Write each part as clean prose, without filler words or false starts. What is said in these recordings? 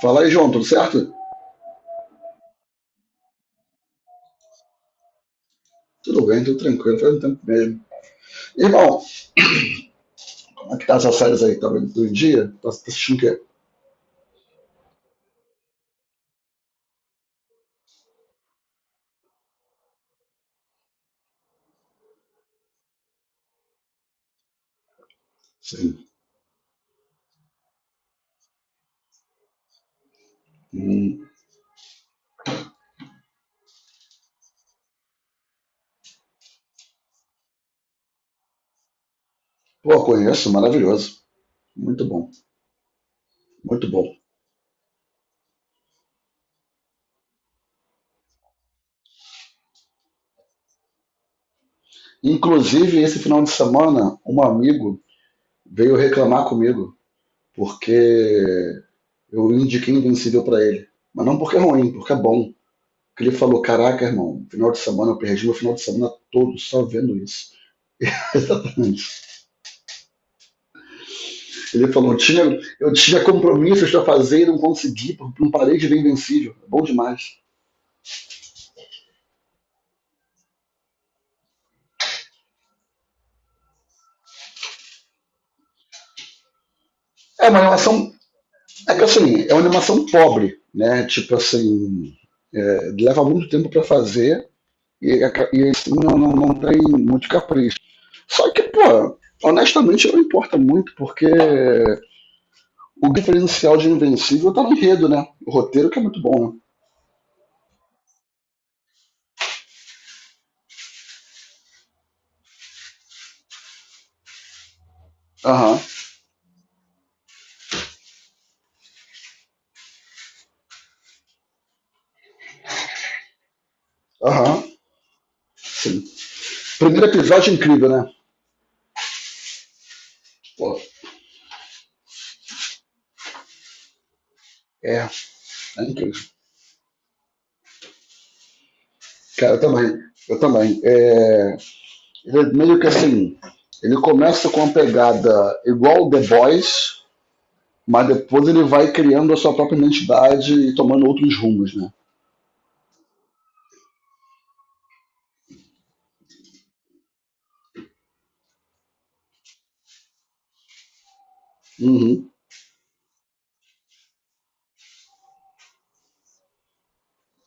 Fala aí, João, tudo certo? Tudo bem, tudo tranquilo, faz um tempo mesmo. Irmão, como é que tá essas séries aí? Tá vendo todo dia? Tá assistindo o quê? Sim. Hum. Pô, conheço, maravilhoso. Muito bom, muito bom. Inclusive, esse final de semana, um amigo veio reclamar comigo porque eu indiquei Invencível pra ele. Mas não porque é ruim, porque é bom. Porque ele falou, caraca, irmão, final de semana, eu perdi meu final de semana todo só vendo isso. Ele falou, eu tinha compromissos para fazer e não consegui, porque não parei de ver Invencível. É bom demais. É uma animação, é que assim, é uma animação pobre, né? Tipo assim, é, leva muito tempo para fazer e, e assim, não tem muito capricho. Só que, pô, honestamente não importa muito, porque o diferencial de Invencível tá no enredo, né? O roteiro que é muito bom, né? Aham, aham, sim. Primeiro episódio é incrível, né? Pô, é incrível. Cara, eu também. Eu também. É, ele meio que assim, ele começa com uma pegada igual o The Boys, mas depois ele vai criando a sua própria identidade e tomando outros rumos, né? Uhum,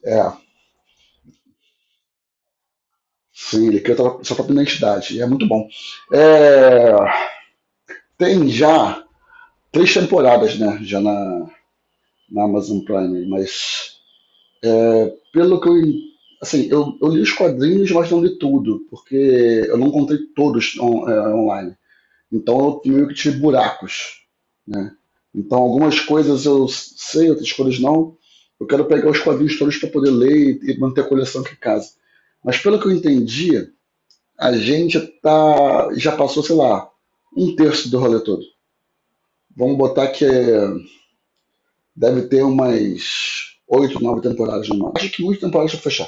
é. Sim, ele cria a sua própria identidade. E é muito bom. É, tem já três temporadas, né? Na Amazon Prime, mas é, pelo que eu en- assim, eu li os quadrinhos, mas não li tudo, porque eu não encontrei todos online. Então eu meio que tive buracos, né? Então algumas coisas eu sei, outras coisas não. Eu quero pegar os quadrinhos todos para poder ler e manter a coleção aqui em casa. Mas pelo que eu entendi, a gente já passou, sei lá, um terço do rolê todo. Vamos botar que é- Deve ter umas oito, nove temporadas no máximo. Acho que muitas temporadas pra fechar.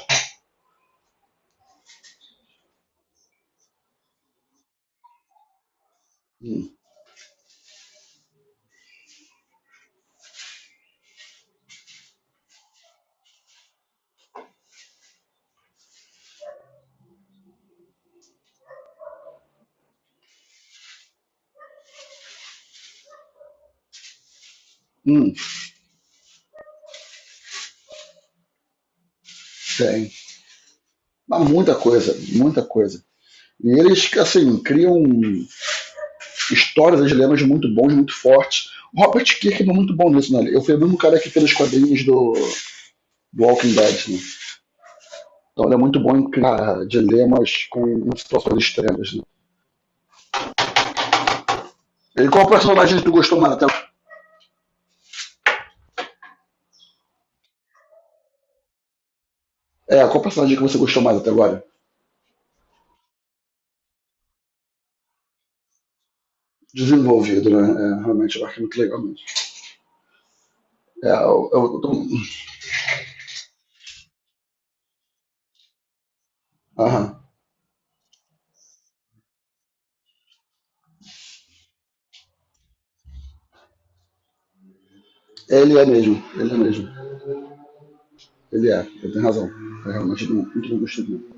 Hum, tem. Mas muita coisa, muita coisa. E eles, assim, criam um histórias e dilemas muito bons, muito fortes. O Robert Kirkman é muito bom nisso, né? Eu fui o mesmo cara que fez os quadrinhos do Walking Dead, né? Então ele é muito bom em criar dilemas com situações extremas, né? E qual personagem que tu gostou mais até agora? É, qual personagem que você gostou mais até agora? Desenvolvido, né? É, realmente, eu acho muito legal mesmo. Eu tô... Aham. Ele é mesmo, ele é mesmo. Ele é, ele tem razão. É realmente muito bom, muito bom.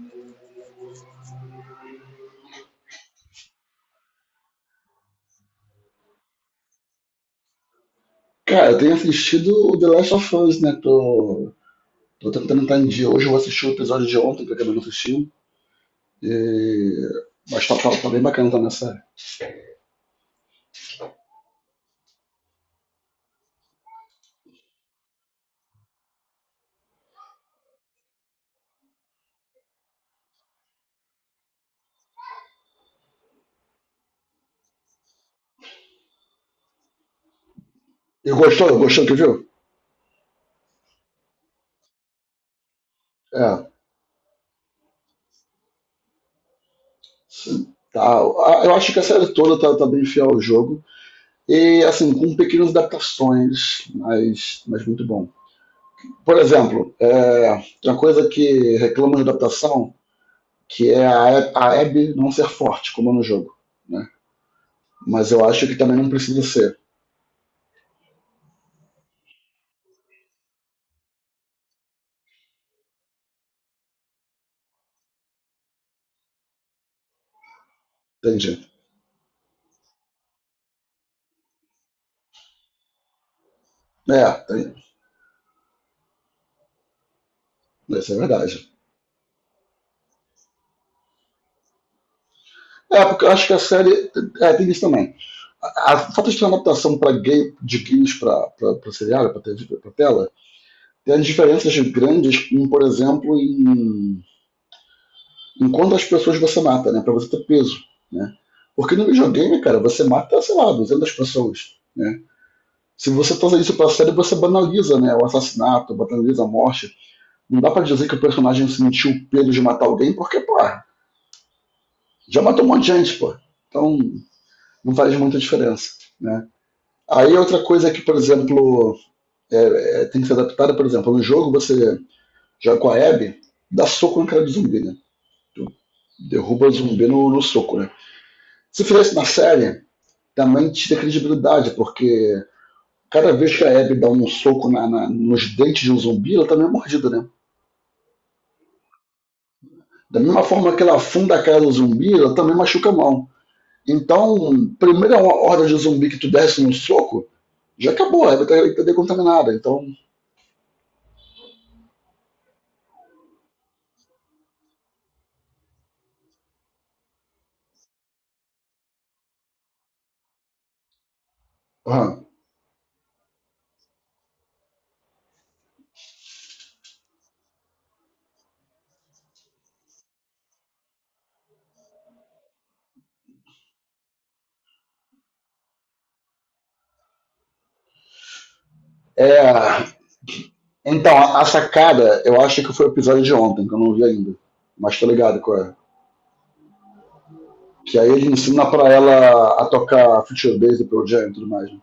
Cara, eu tenho assistido o The Last of Us, né? Tô tentando entrar em dia. Hoje eu vou assistir o episódio de ontem, que eu acabei não assistindo. E... Mas tá bem bacana também a série. E gostou? Gostou do que viu? É. Sim. Tá. A- Eu acho que a série toda tá bem fiel ao jogo. E, assim, com pequenas adaptações, mas muito bom. Por exemplo, tem uma coisa que reclama de adaptação, que é a a Abby não ser forte, como é no jogo. Né? Mas eu acho que também não precisa ser. Entendi. É, tem- isso é verdade. É, porque eu acho que a série. É, tem isso também. A falta de ter uma adaptação pra gay, de games pra seriado, pra TV, pra tela, tem as diferenças grandes, por exemplo, em quantas pessoas você mata, né? Pra você ter peso, né? Porque no videogame, cara, você mata, sei lá, 200 pessoas, né? Se você traz isso pra série, você banaliza, né? O assassinato, banaliza a morte. Não dá pra dizer que o personagem sentiu o peso de matar alguém, porque, pô, já matou um monte de gente, pô. Então, não faz muita diferença, né? Aí outra coisa que, por exemplo, é, tem que ser adaptada, por exemplo, no jogo você joga com a Abby, dá soco no cara do zumbi, né? Derruba o zumbi no soco, né? Se fizesse na série, também tira credibilidade, porque cada vez que a Abby dá um soco nos dentes de um zumbi, ela também é mordida, né? Da mesma forma que ela afunda a cara do zumbi, ela também machuca a mão. Então, primeira horda de zumbi que tu desce num soco, já acabou, a Abby tá decontaminada. Então, aham. é, Então, a sacada, eu acho que foi o episódio de ontem, que eu não vi ainda. Mas tô ligado qual é. Que aí ele ensina pra ela a tocar Future Bass do Pearl Jam e tudo mais, né?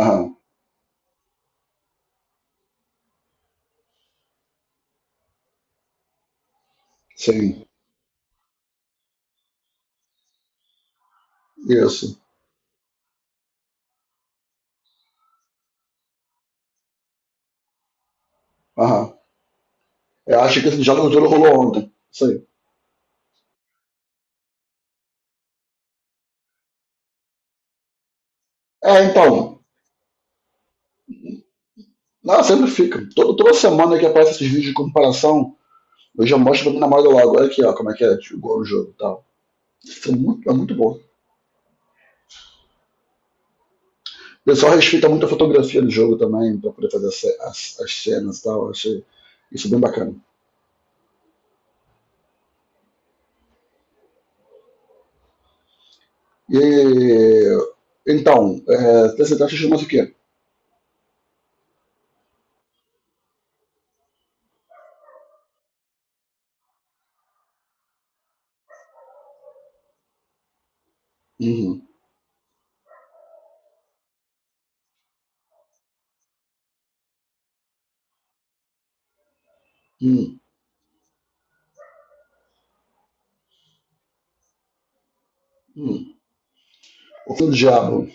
Aham, sim. Isso. Aham. Eu acho que esse diálogo todo rolou ontem. Isso aí. É, então. Não, sempre fica. Toda semana que aparece esses vídeos de comparação, eu já mostro pra minha namorada logo. Olha aqui, ó, como é que é, tipo, igual o jogo e tal. Isso é muito bom. O pessoal respeita muito a fotografia do jogo também, pra poder fazer as, as cenas e tal. Eu achei isso bem bacana. E, então, é, TCT chama-se o quê? Uhum, uhum, uhum. O diabo.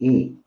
Uhum.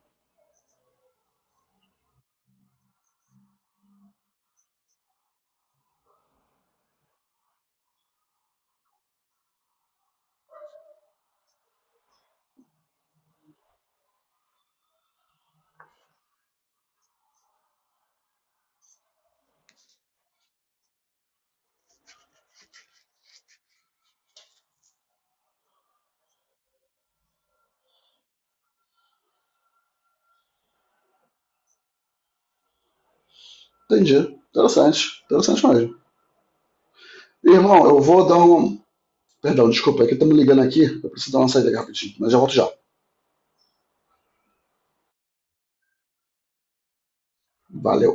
Entendi. Interessante. Interessante mesmo. Irmão, eu vou dar um. Perdão, desculpa, é que estamos ligando aqui. Eu preciso dar uma saída aqui rapidinho, mas já volto já. Valeu.